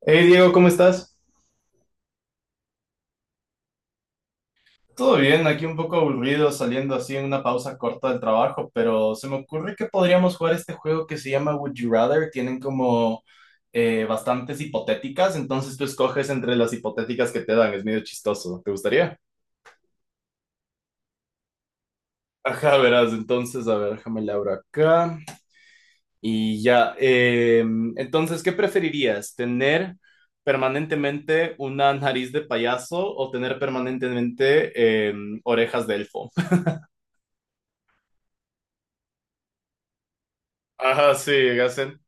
Hey Diego, ¿cómo estás? Todo bien, aquí un poco aburrido saliendo así en una pausa corta del trabajo, pero se me ocurre que podríamos jugar este juego que se llama Would You Rather. Tienen como bastantes hipotéticas, entonces tú escoges entre las hipotéticas que te dan, es medio chistoso. ¿Te gustaría? Ajá, verás, entonces, a ver, déjame la abro acá. Y ya, entonces, ¿qué preferirías? ¿Tener permanentemente una nariz de payaso o tener permanentemente orejas de elfo? Ajá, sí, hacen.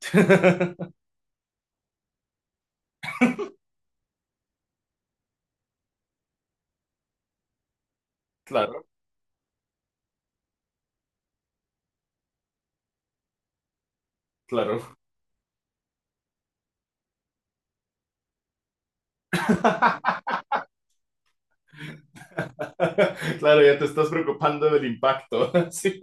Claro, claro. Claro, ya te estás preocupando del impacto. Sí.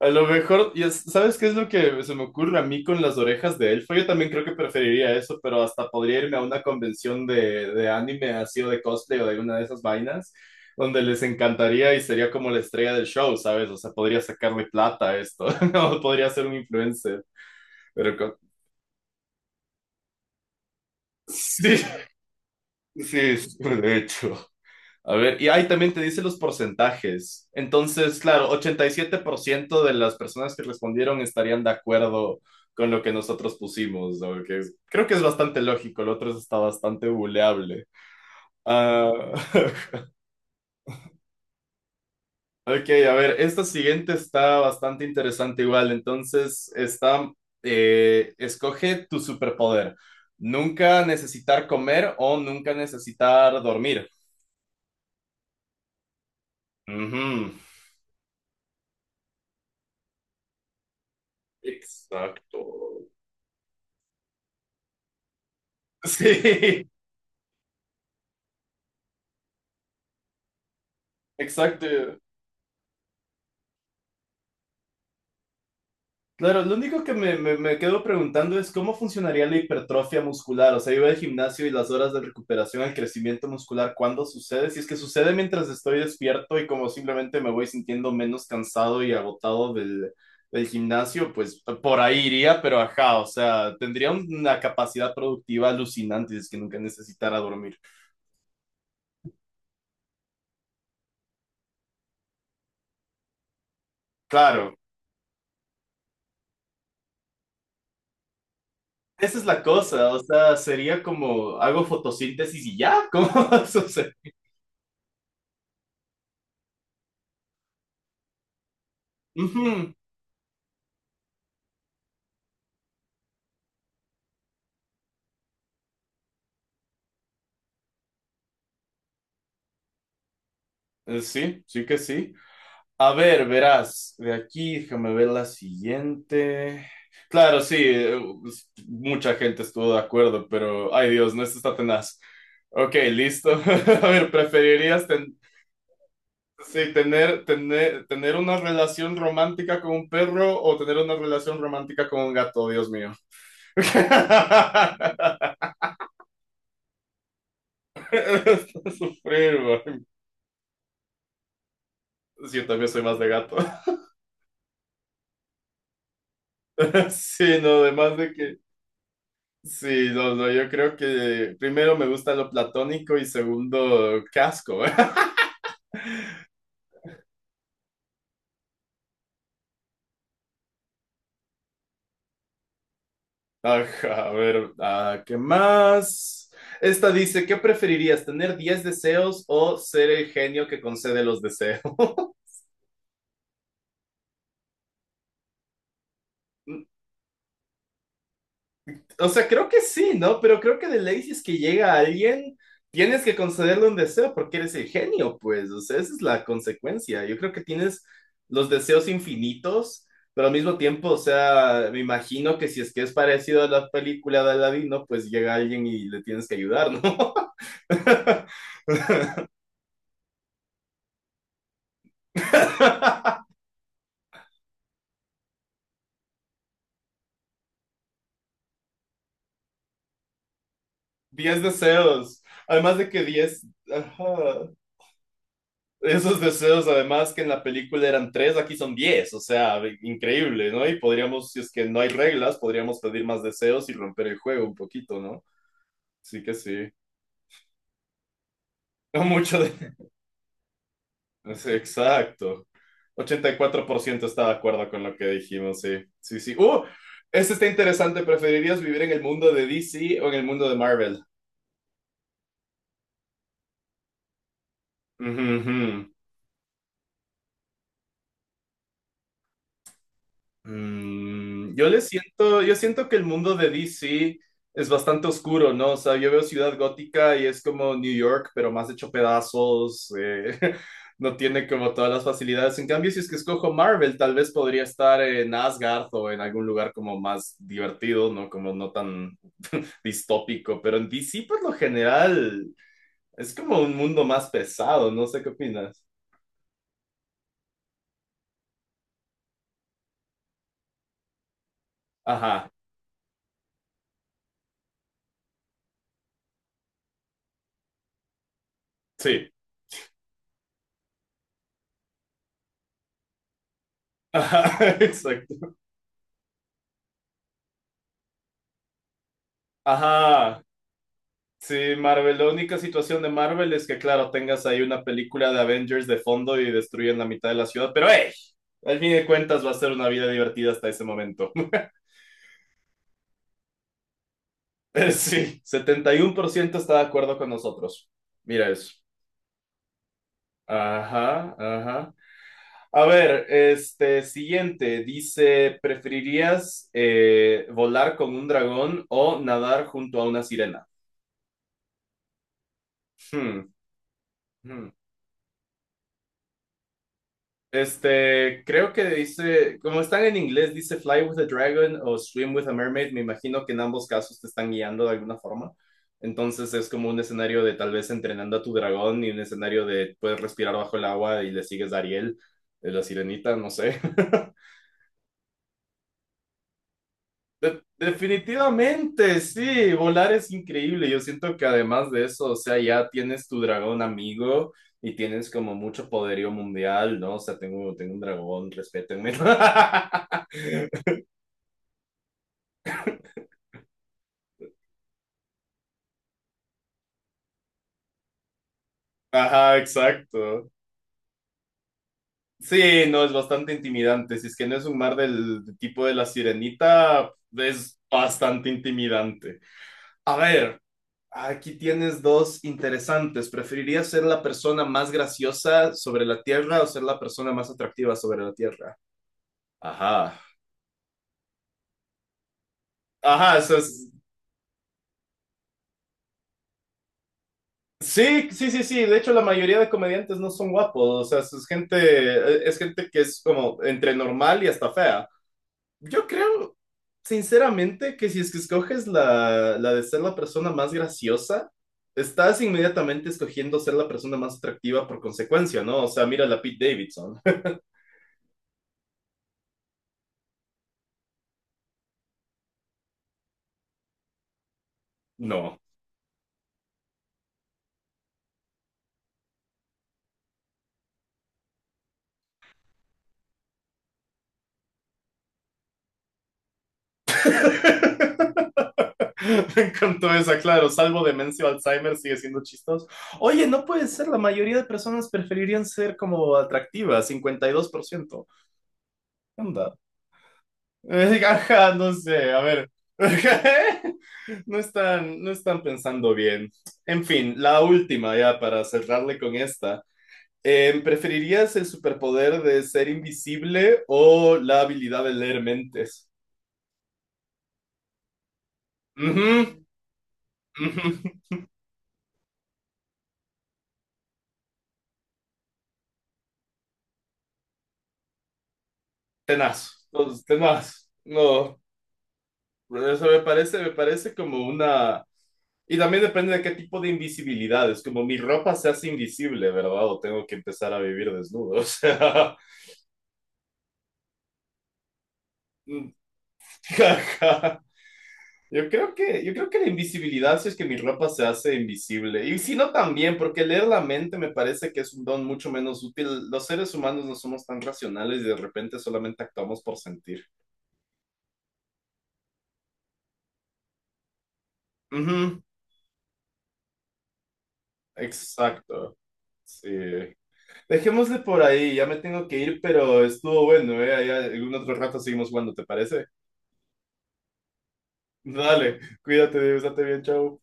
A lo mejor, ¿sabes qué es lo que se me ocurre a mí con las orejas de elfo? Yo también creo que preferiría eso, pero hasta podría irme a una convención de anime así o de cosplay o de alguna de esas vainas, donde les encantaría y sería como la estrella del show, ¿sabes? O sea, podría sacarle plata a esto, o podría ser un influencer. Pero con- sí, sí, sí, de hecho. A ver, y ahí también te dice los porcentajes. Entonces, claro, 87% de las personas que respondieron estarían de acuerdo con lo que nosotros pusimos, ¿no? Creo que es bastante lógico, el otro está bastante buleable. Ah, ok, a ver, esta siguiente está bastante interesante igual. Entonces, está, escoge tu superpoder. Nunca necesitar comer o nunca necesitar dormir. Ujú. Exacto. Sí, exacto. Claro, lo único que me quedo preguntando es cómo funcionaría la hipertrofia muscular. O sea, yo voy al gimnasio y las horas de recuperación, el crecimiento muscular, ¿cuándo sucede? Si es que sucede mientras estoy despierto y como simplemente me voy sintiendo menos cansado y agotado del gimnasio, pues por ahí iría, pero ajá, o sea, tendría una capacidad productiva alucinante si es que nunca necesitara dormir. Claro. Esa es la cosa, o sea, sería como hago fotosíntesis y ya, ¿cómo sucede? Sí, sí que sí. A ver, verás, de aquí déjame ver la siguiente. Claro, sí, mucha gente estuvo de acuerdo, pero ay Dios, no, esto está tenaz. Ok, listo. A ver, ¿preferirías sí, tener una relación romántica con un perro o tener una relación romántica con un gato? Dios mío. Esto es sufrir, bro. Sí, yo también soy más de gato. Sí, no, además de que... Sí, no, no, yo creo que primero me gusta lo platónico y segundo casco. Ajá, a ver, ah, ¿qué más? Esta dice, ¿qué preferirías, tener 10 deseos o ser el genio que concede los deseos? O sea, creo que sí, ¿no? Pero creo que de ley si es que llega alguien, tienes que concederle un deseo porque eres el genio, pues. O sea, esa es la consecuencia. Yo creo que tienes los deseos infinitos, pero al mismo tiempo, o sea, me imagino que si es que es parecido a la película de Aladino, pues llega alguien y le tienes que ayudar, ¿no? 10 deseos. Además de que 10... Ajá. Esos deseos, además que en la película eran tres, aquí son 10, o sea, increíble, ¿no? Y podríamos, si es que no hay reglas, podríamos pedir más deseos y romper el juego un poquito, ¿no? Sí que sí. No mucho de... Sí, exacto. 84% está de acuerdo con lo que dijimos, sí. Sí, sí. ¡Uh! Este está interesante. ¿Preferirías vivir en el mundo de DC o en el mundo de Marvel? Ujú, ujú. Mm, yo siento que el mundo de DC es bastante oscuro, ¿no? O sea, yo veo Ciudad Gótica y es como New York, pero más hecho pedazos, no tiene como todas las facilidades. En cambio, si es que escojo Marvel, tal vez podría estar en Asgard o en algún lugar como más divertido, ¿no? Como no tan distópico, pero en DC por lo general es como un mundo más pesado, no sé qué opinas. Ajá, sí. Ajá, exacto. Ajá, sí, Marvel, la única situación de Marvel es que, claro, tengas ahí una película de Avengers de fondo y destruyen la mitad de la ciudad, pero ¡hey! Al fin de cuentas va a ser una vida divertida hasta ese momento. Sí, 71% está de acuerdo con nosotros. Mira eso. Ajá, ajá. A ver, este siguiente dice, ¿preferirías volar con un dragón o nadar junto a una sirena? Hmm, hmm. Este, creo que dice, como están en inglés, dice Fly with a Dragon o Swim with a Mermaid. Me imagino que en ambos casos te están guiando de alguna forma. Entonces es como un escenario de tal vez entrenando a tu dragón y un escenario de puedes respirar bajo el agua y le sigues a Ariel, la sirenita, no sé. Definitivamente, sí, volar es increíble. Yo siento que además de eso, o sea, ya tienes tu dragón amigo y tienes como mucho poderío mundial, ¿no? O sea, tengo un dragón, respétenme. Ajá, exacto. Sí, no, es bastante intimidante. Si es que no es un mar del tipo de la sirenita, es bastante intimidante. A ver, aquí tienes dos interesantes. ¿Preferirías ser la persona más graciosa sobre la Tierra o ser la persona más atractiva sobre la Tierra? Ajá. Ajá, eso es... Sí, sí, sí, sí. De hecho, la mayoría de comediantes no son guapos. O sea, es gente que es como entre normal y hasta fea. Yo creo, sinceramente que si es que escoges la de ser la persona más graciosa, estás inmediatamente escogiendo ser la persona más atractiva por consecuencia, ¿no? O sea, mira la Pete Davidson. No. Me encantó esa, claro, salvo demencia o Alzheimer, sigue siendo chistoso. Oye, no puede ser, la mayoría de personas preferirían ser como atractivas, 52%. Anda. Ajá, no sé, a ver. No están, no están pensando bien. En fin, la última ya para cerrarle con esta. ¿Preferirías el superpoder de ser invisible o la habilidad de leer mentes? Ujú, ujú. Tenaz, pues, tenaz. No, eso me parece como una... Y también depende de qué tipo de invisibilidad. Es como mi ropa se hace invisible, ¿verdad? O tengo que empezar a vivir desnudo. O sea, Jaja. Yo creo que la invisibilidad, si es que mi ropa se hace invisible. Y si no también, porque leer la mente me parece que es un don mucho menos útil. Los seres humanos no somos tan racionales y de repente solamente actuamos por sentir. Ujú, exacto. Sí. Dejémosle por ahí, ya me tengo que ir, pero estuvo bueno, ¿eh? Ahí algún otro rato seguimos jugando, ¿te parece? Dale, cuídate, Dios, date bien, chao.